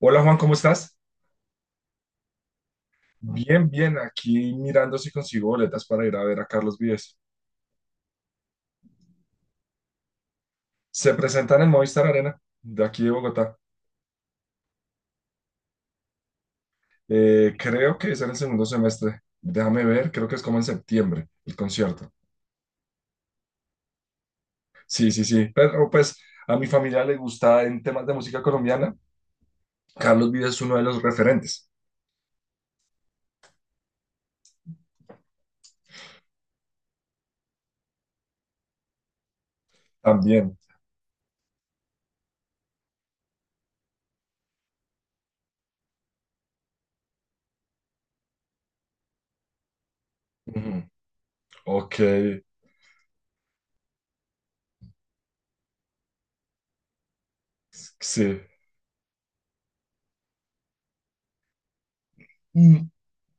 Hola Juan, ¿cómo estás? Bien, bien, aquí mirando si consigo boletas para ir a ver a Carlos Vives. Se presentan en Movistar Arena, de aquí de Bogotá. Creo que es en el segundo semestre. Déjame ver, creo que es como en septiembre el concierto. Sí, sí, sí. Pero pues a mi familia le gusta en temas de música colombiana. Carlos Vives es uno de los referentes también. Ujú. Ok, sí. Mm.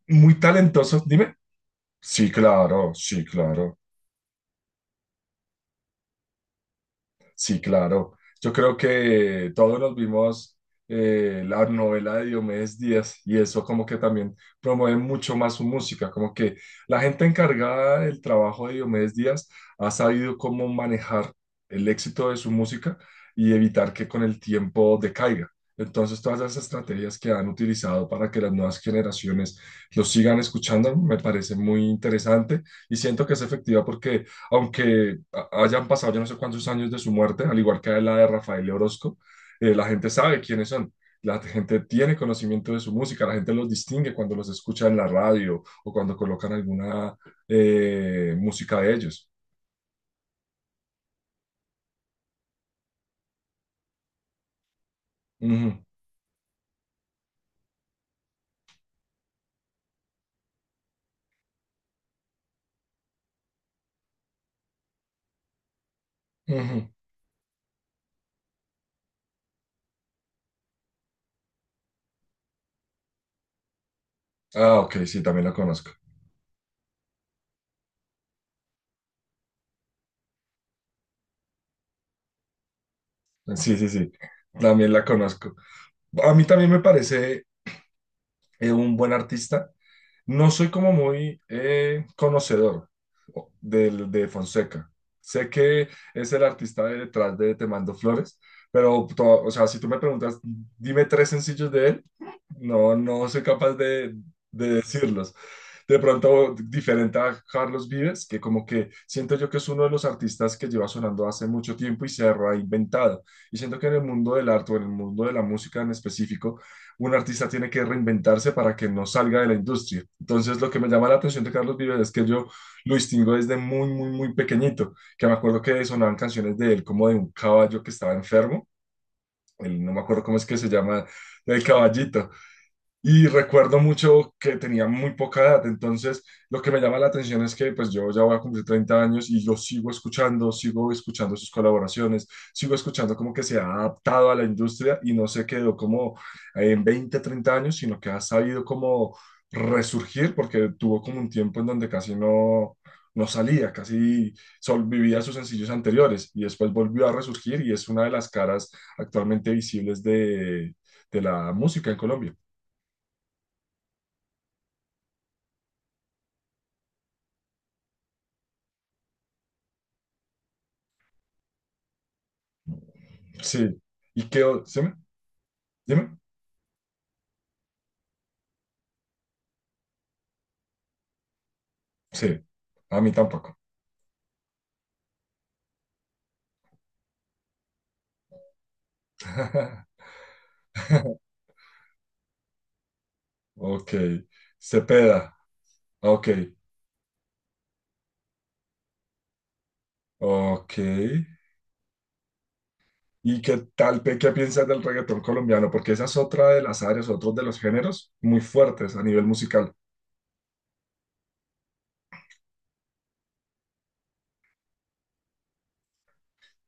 Muy talentoso, dime. Sí, claro, sí, claro. Sí, claro. Yo creo que todos nos vimos la novela de Diomedes Díaz y eso como que también promueve mucho más su música, como que la gente encargada del trabajo de Diomedes Díaz ha sabido cómo manejar el éxito de su música y evitar que con el tiempo decaiga. Entonces, todas esas estrategias que han utilizado para que las nuevas generaciones lo sigan escuchando me parece muy interesante y siento que es efectiva porque aunque hayan pasado yo no sé cuántos años de su muerte, al igual que la de Rafael Orozco, la gente sabe quiénes son. La gente tiene conocimiento de su música, la gente los distingue cuando los escucha en la radio o cuando colocan alguna música de ellos. Ujú, ujú. Ah, ok, sí, también la conozco. Sí, sí, sí, también la conozco. A mí también me parece un buen artista. No soy como muy conocedor Fonseca. Sé que es el artista de detrás de Te Mando Flores, pero, o sea, si tú me preguntas, dime tres sencillos de él, no, no soy capaz de decirlos. De pronto, diferente a Carlos Vives, que como que siento yo que es uno de los artistas que lleva sonando hace mucho tiempo y se ha reinventado. Y siento que en el mundo del arte o en el mundo de la música en específico, un artista tiene que reinventarse para que no salga de la industria. Entonces, lo que me llama la atención de Carlos Vives es que yo lo distingo desde muy, muy, muy pequeñito, que me acuerdo que sonaban canciones de él como de un caballo que estaba enfermo, él, no me acuerdo cómo es que se llama, el caballito, y recuerdo mucho que tenía muy poca edad, entonces lo que me llama la atención es que pues yo ya voy a cumplir 30 años y yo sigo escuchando sus colaboraciones, sigo escuchando como que se ha adaptado a la industria y no se quedó como en 20 30 años, sino que ha sabido como resurgir porque tuvo como un tiempo en donde casi no, no salía, casi sol vivía sus sencillos anteriores y después volvió a resurgir y es una de las caras actualmente visibles de la música en Colombia. Sí. ¿Y qué? ¿Sí? ¿Dime? Sí. A mí tampoco. Ok. Cepeda. Ok. Ok. ¿Y qué tal, qué piensas del reggaetón colombiano? Porque esa es otra de las áreas, otro de los géneros muy fuertes a nivel musical.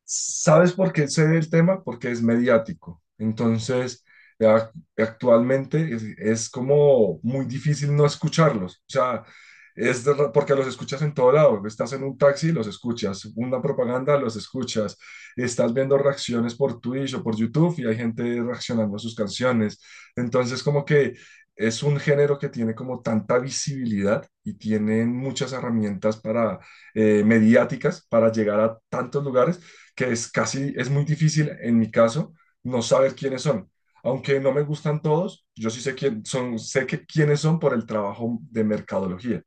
¿Sabes por qué sé del tema? Porque es mediático. Entonces, a- actualmente es como muy difícil no escucharlos. O sea, porque los escuchas en todo lado. Estás en un taxi, los escuchas. Una propaganda, los escuchas. Estás viendo reacciones por Twitch o por YouTube y hay gente reaccionando a sus canciones. Entonces, como que es un género que tiene como tanta visibilidad y tienen muchas herramientas para mediáticas para llegar a tantos lugares que es casi, es muy difícil en mi caso no saber quiénes son. Aunque no me gustan todos, yo sí sé quién son, sé que quiénes son por el trabajo de mercadología.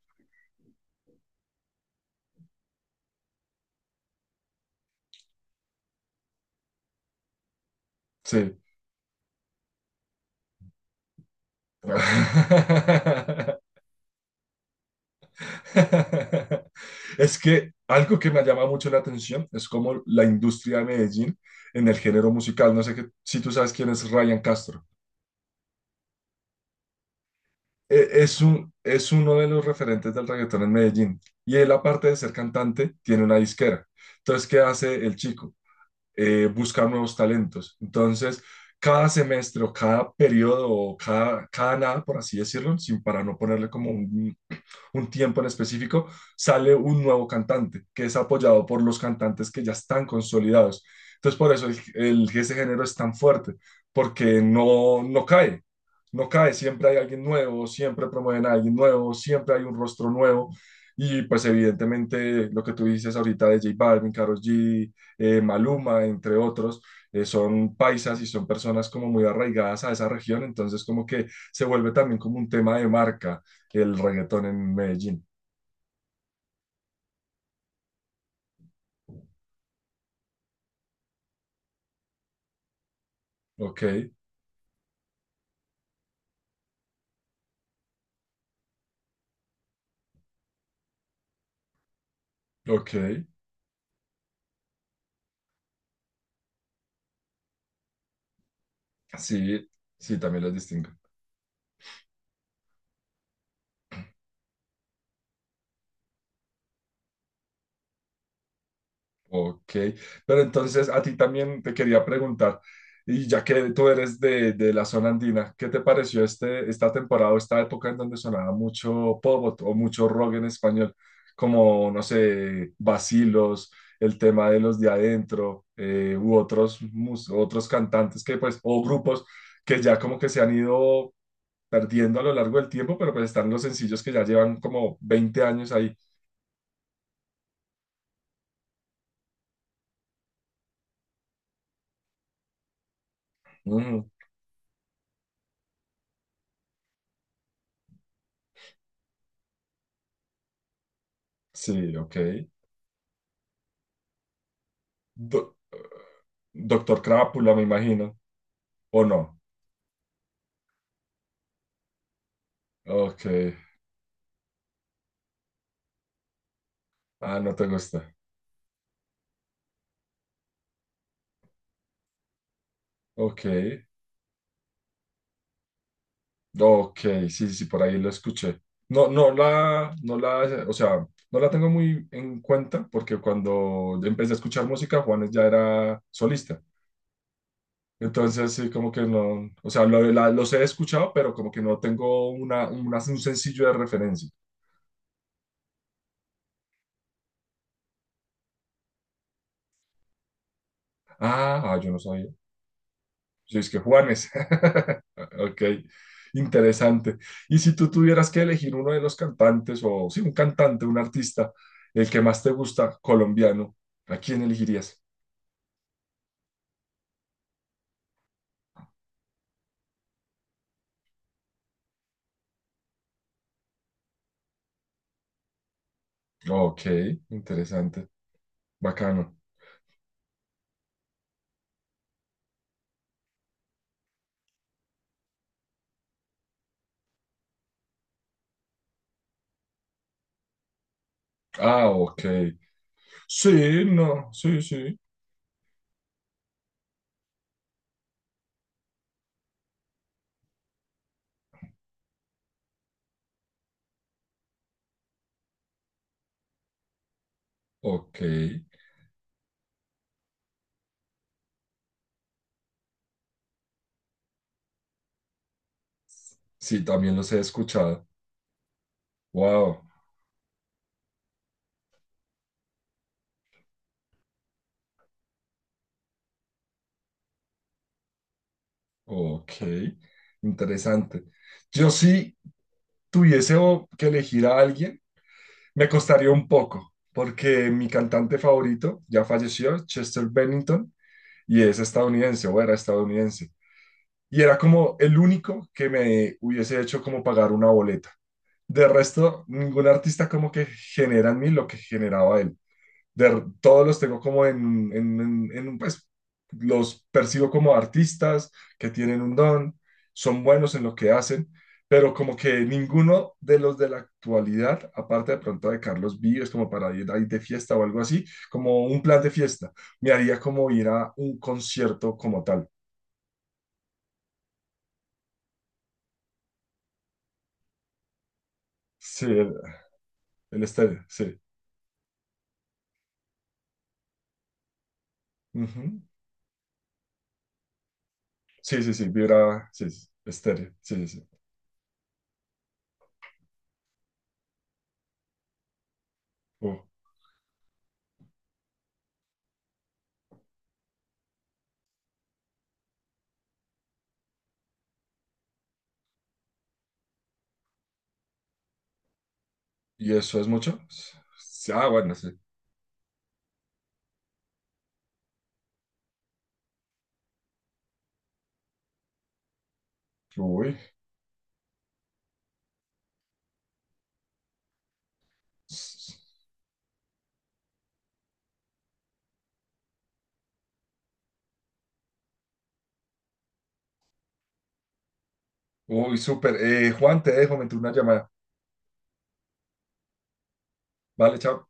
Sí. Es que algo que me llama mucho la atención es como la industria de Medellín en el género musical. No sé que, si tú sabes quién es Ryan Castro. Es uno de los referentes del reggaetón en Medellín. Y él, aparte de ser cantante, tiene una disquera. Entonces, ¿qué hace el chico? Buscar nuevos talentos. Entonces, cada semestre o cada periodo o cada nada, por así decirlo, sin para no ponerle como un tiempo en específico, sale un nuevo cantante que es apoyado por los cantantes que ya están consolidados. Entonces, por eso el, ese género es tan fuerte, porque no, no cae, no cae, siempre hay alguien nuevo, siempre promueven a alguien nuevo, siempre hay un rostro nuevo. Y pues evidentemente lo que tú dices ahorita de J Balvin, Karol G, Maluma, entre otros, son paisas y son personas como muy arraigadas a esa región, entonces como que se vuelve también como un tema de marca, que el reggaetón en Medellín. Ok, ok. Sí, sí, también los distingo. Ok, pero entonces a ti también te quería preguntar, y ya que tú eres de la zona andina, ¿qué te pareció esta temporada o esta época en donde sonaba mucho pop o mucho rock en español? Como, no sé, Vacilos, el tema de los de adentro, u otros, otros cantantes que pues, o grupos que ya como que se han ido perdiendo a lo largo del tiempo, pero pues están los sencillos que ya llevan como 20 años ahí. Mm, sí, ok. Do- Doctor Crápula, me imagino. ¿O no? Ok. Ah, no te gusta. Ok. Ok, sí, sí, sí, por ahí lo escuché. No, no la, o sea, no la tengo muy en cuenta porque cuando empecé a escuchar música, Juanes ya era solista. Entonces, sí, como que no, o sea, los he escuchado, pero como que no tengo una, un sencillo de referencia. Ah, ah, yo no sabía. ¿Sí es que Juanes. Ok, interesante. Y si tú tuvieras que elegir uno de los cantantes, o sí, un cantante, un artista, el que más te gusta, colombiano, ¿a quién elegirías? Ok, interesante, bacano. Ah, ok. Sí, no, sí, sí. Ok. Sí, también los he escuchado. Wow, ok. Interesante. Yo sí tuviese que elegir a alguien. Me costaría un poco, porque mi cantante favorito ya falleció, Chester Bennington, y es estadounidense o era estadounidense. Y era como el único que me hubiese hecho como pagar una boleta. De resto, ningún artista como que genera en mí lo que generaba él de, todos los tengo como un, pues, los percibo como artistas que tienen un don, son buenos en lo que hacen, pero como que ninguno de los de la actualidad, aparte de pronto de Carlos Vives, como para ir ahí de fiesta o algo así, como un plan de fiesta, me haría como ir a un concierto como tal. Sí, el estéreo, sí. Ujú. Sí, sí, sí, vibra, sí, sí, estéreo, sí, sí, sí. Oh, ¿y eso es mucho? Sí, Ah, bueno, sí. Uy. Uy, súper. Juan, te dejo, me entró una llamada. Vale, chao.